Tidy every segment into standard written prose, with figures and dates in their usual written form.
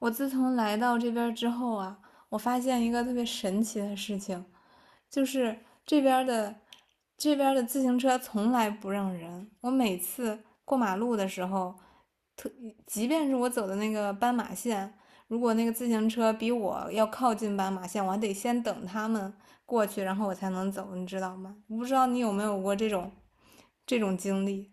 我自从来到这边之后啊，我发现一个特别神奇的事情，就是这边的这边的自行车从来不让人。我每次过马路的时候，即便是我走的那个斑马线，如果那个自行车比我要靠近斑马线，我还得先等他们过去，然后我才能走，你知道吗？我不知道你有没有过这种经历。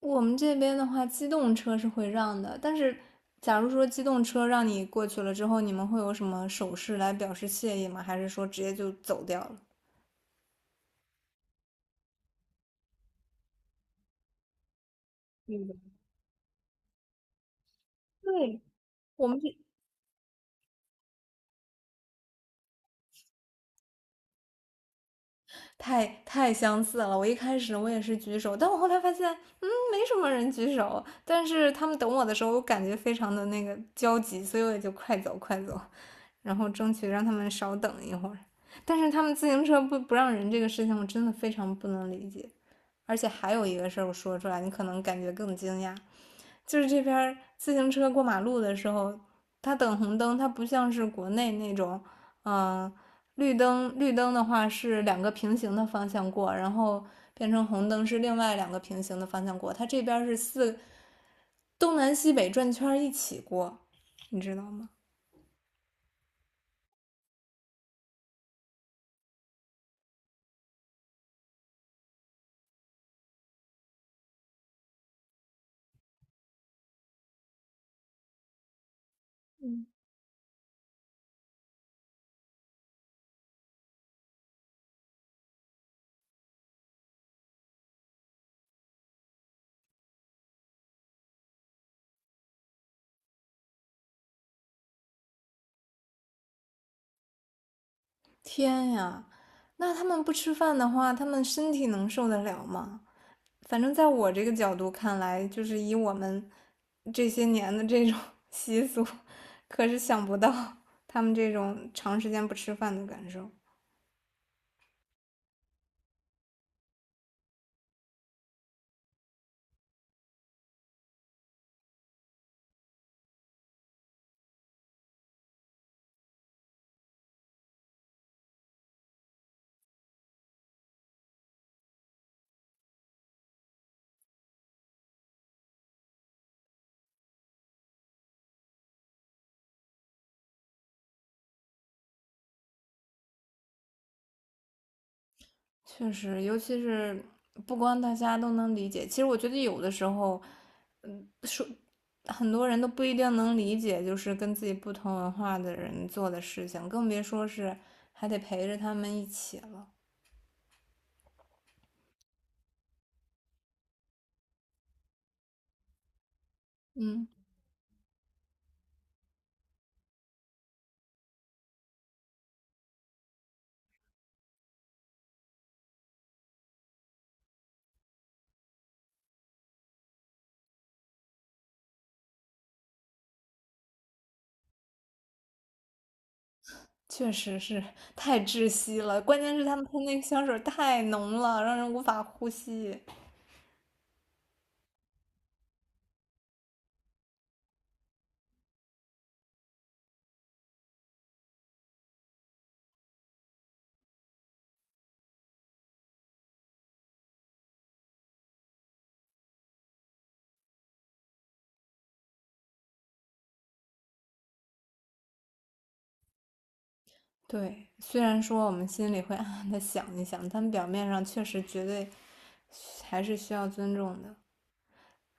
我们这边的话，机动车是会让的，但是假如说机动车让你过去了之后，你们会有什么手势来表示谢意吗？还是说直接就走掉了？嗯。对，我们这太相似了。我一开始也是举手，但我后来发现，没什么人举手。但是他们等我的时候，我感觉非常的那个焦急，所以我也就快走快走，然后争取让他们少等一会儿。但是他们自行车不让人这个事情，我真的非常不能理解。而且还有一个事儿，我说出来你可能感觉更惊讶，就是这边自行车过马路的时候，它等红灯，它不像是国内那种，嗯、呃绿灯绿灯的话是两个平行的方向过，然后变成红灯是另外两个平行的方向过，它这边是四东南西北转圈一起过，你知道吗？天呀，那他们不吃饭的话，他们身体能受得了吗？反正在我这个角度看来，就是以我们这些年的这种 习俗，可是想不到他们这种长时间不吃饭的感受。确实，尤其是不光大家都能理解，其实我觉得有的时候很多人都不一定能理解，就是跟自己不同文化的人做的事情，更别说是还得陪着他们一起了。嗯，确实是太窒息了，关键是他们喷那个香水太浓了，让人无法呼吸。对，虽然说我们心里会 暗暗的想一想，但表面上确实绝对还是需要尊重的。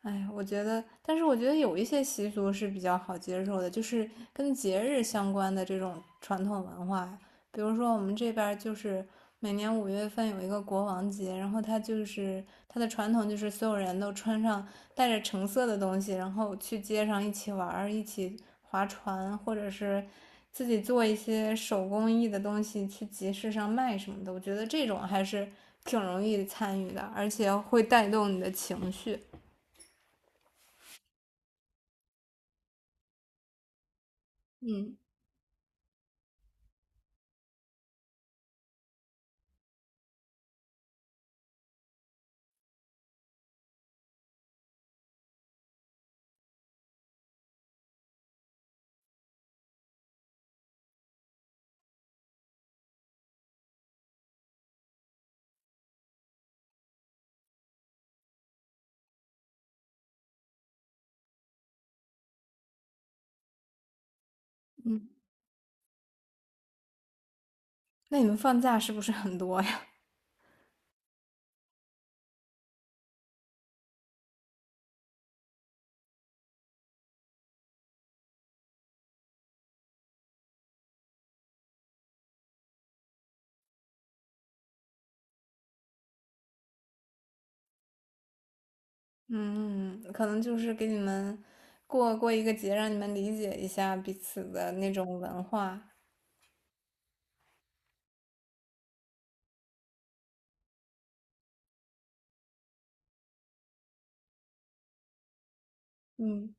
哎，我觉得，但是我觉得有一些习俗是比较好接受的，就是跟节日相关的这种传统文化。比如说，我们这边儿就是每年五月份有一个国王节，然后它就是它的传统就是所有人都穿上带着橙色的东西，然后去街上一起玩儿，一起划船，或者是自己做一些手工艺的东西去集市上卖什么的。我觉得这种还是挺容易参与的，而且会带动你的情绪。嗯。嗯，那你们放假是不是很多呀？嗯，可能就是给你们过一个节，让你们理解一下彼此的那种文化。嗯。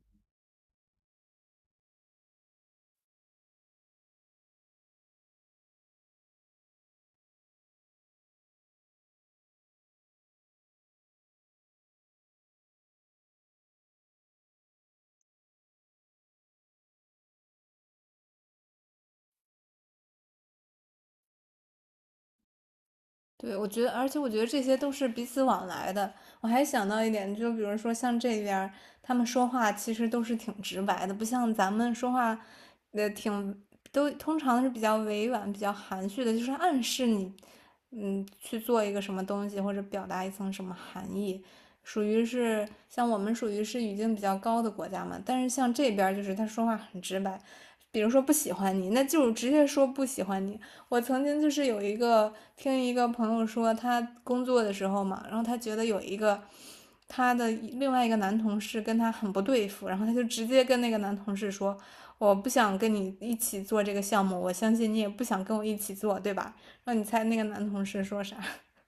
对，我觉得，而且我觉得这些都是彼此往来的。我还想到一点，就比如说像这边儿他们说话其实都是挺直白的，不像咱们说话，呃，挺都通常是比较委婉、比较含蓄的，就是暗示你，嗯，去做一个什么东西或者表达一层什么含义，属于是像我们属于是语境比较高的国家嘛。但是像这边儿就是他说话很直白，比如说不喜欢你，那就直接说不喜欢你。我曾经就是有一个听一个朋友说，他工作的时候嘛，然后他觉得有一个他的另外一个男同事跟他很不对付，然后他就直接跟那个男同事说："我不想跟你一起做这个项目，我相信你也不想跟我一起做，对吧？"然后你猜那个男同事说啥？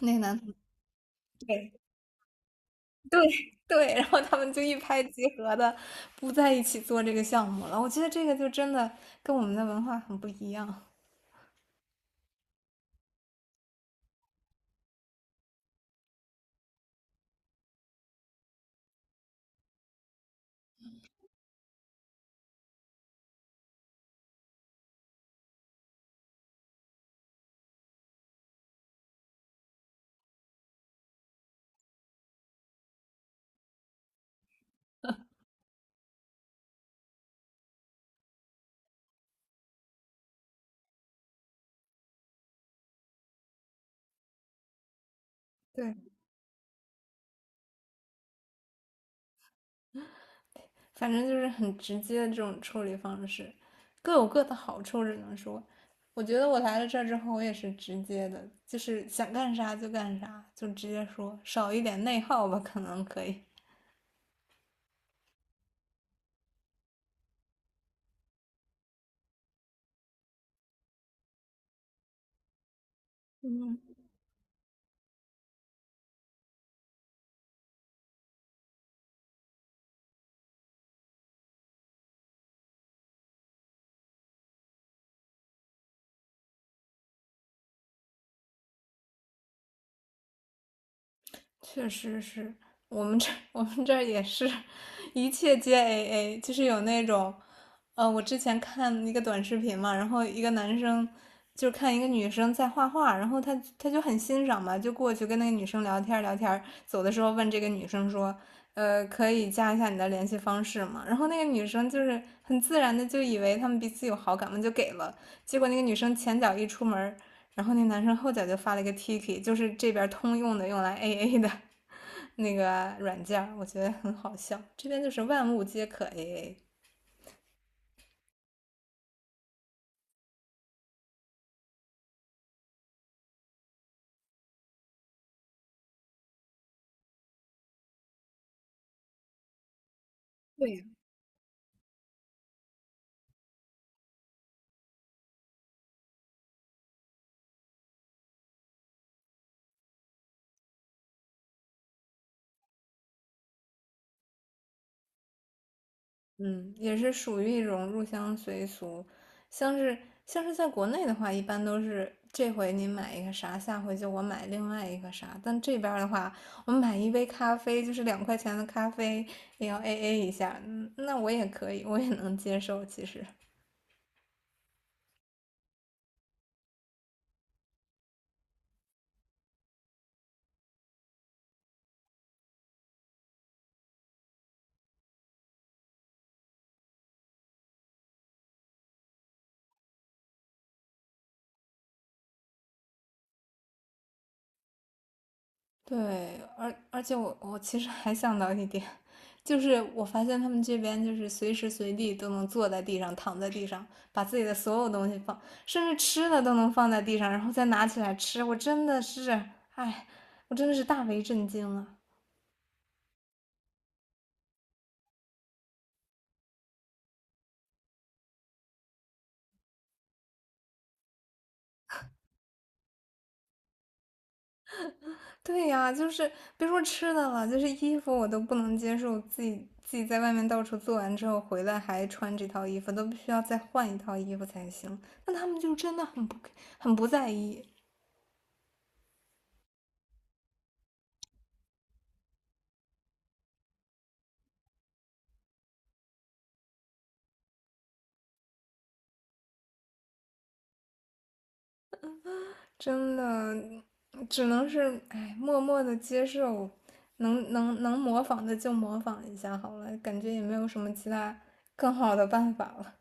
那个男同事，对对对，然后他们就一拍即合的不在一起做这个项目了。我觉得这个就真的跟我们的文化很不一样。对，反正就是很直接的这种处理方式，各有各的好处，只能说，我觉得我来了这儿之后，我也是直接的，就是想干啥就干啥，就直接说，少一点内耗吧，可能可以。确实是我们这 我们这儿也是，一切皆 AA,就是有那种，我之前看一个短视频嘛，然后一个男生就看一个女生在画画，然后他就很欣赏嘛，就过去跟那个女生聊天儿聊天儿走的时候问这个女生说，呃，可以加一下你的联系方式吗？然后那个女生就是很自然的就以为他们彼此有好感嘛，就给了，结果那个女生前脚一出门然后那男生后脚就发了一个 Tiki,就是这边通用的用来 AA 的那个软件我觉得很好笑。这边就是万物皆可 AA,对，嗯，也是属于一种入乡随俗。像是像是在国内的话，一般都是这回你买一个啥，下回就我买另外一个啥。但这边的话，我买一杯咖啡，就是两块钱的咖啡，也要 AA 一下。嗯，那我也可以，我也能接受，其实。对，而且我其实还想到一点，就是我发现他们这边就是随时随地都能坐在地上、躺在地上，把自己的所有东西放，甚至吃的都能放在地上，然后再拿起来吃。我真的是，哎，我真的是大为震惊了。对呀，就是别说吃的了，就是衣服我都不能接受，自己在外面到处做完之后回来还穿这套衣服，都必须要再换一套衣服才行。那他们就真的很不在意，真的。只能是哎，默默的接受，能模仿的就模仿一下好了，感觉也没有什么其他更好的办法了。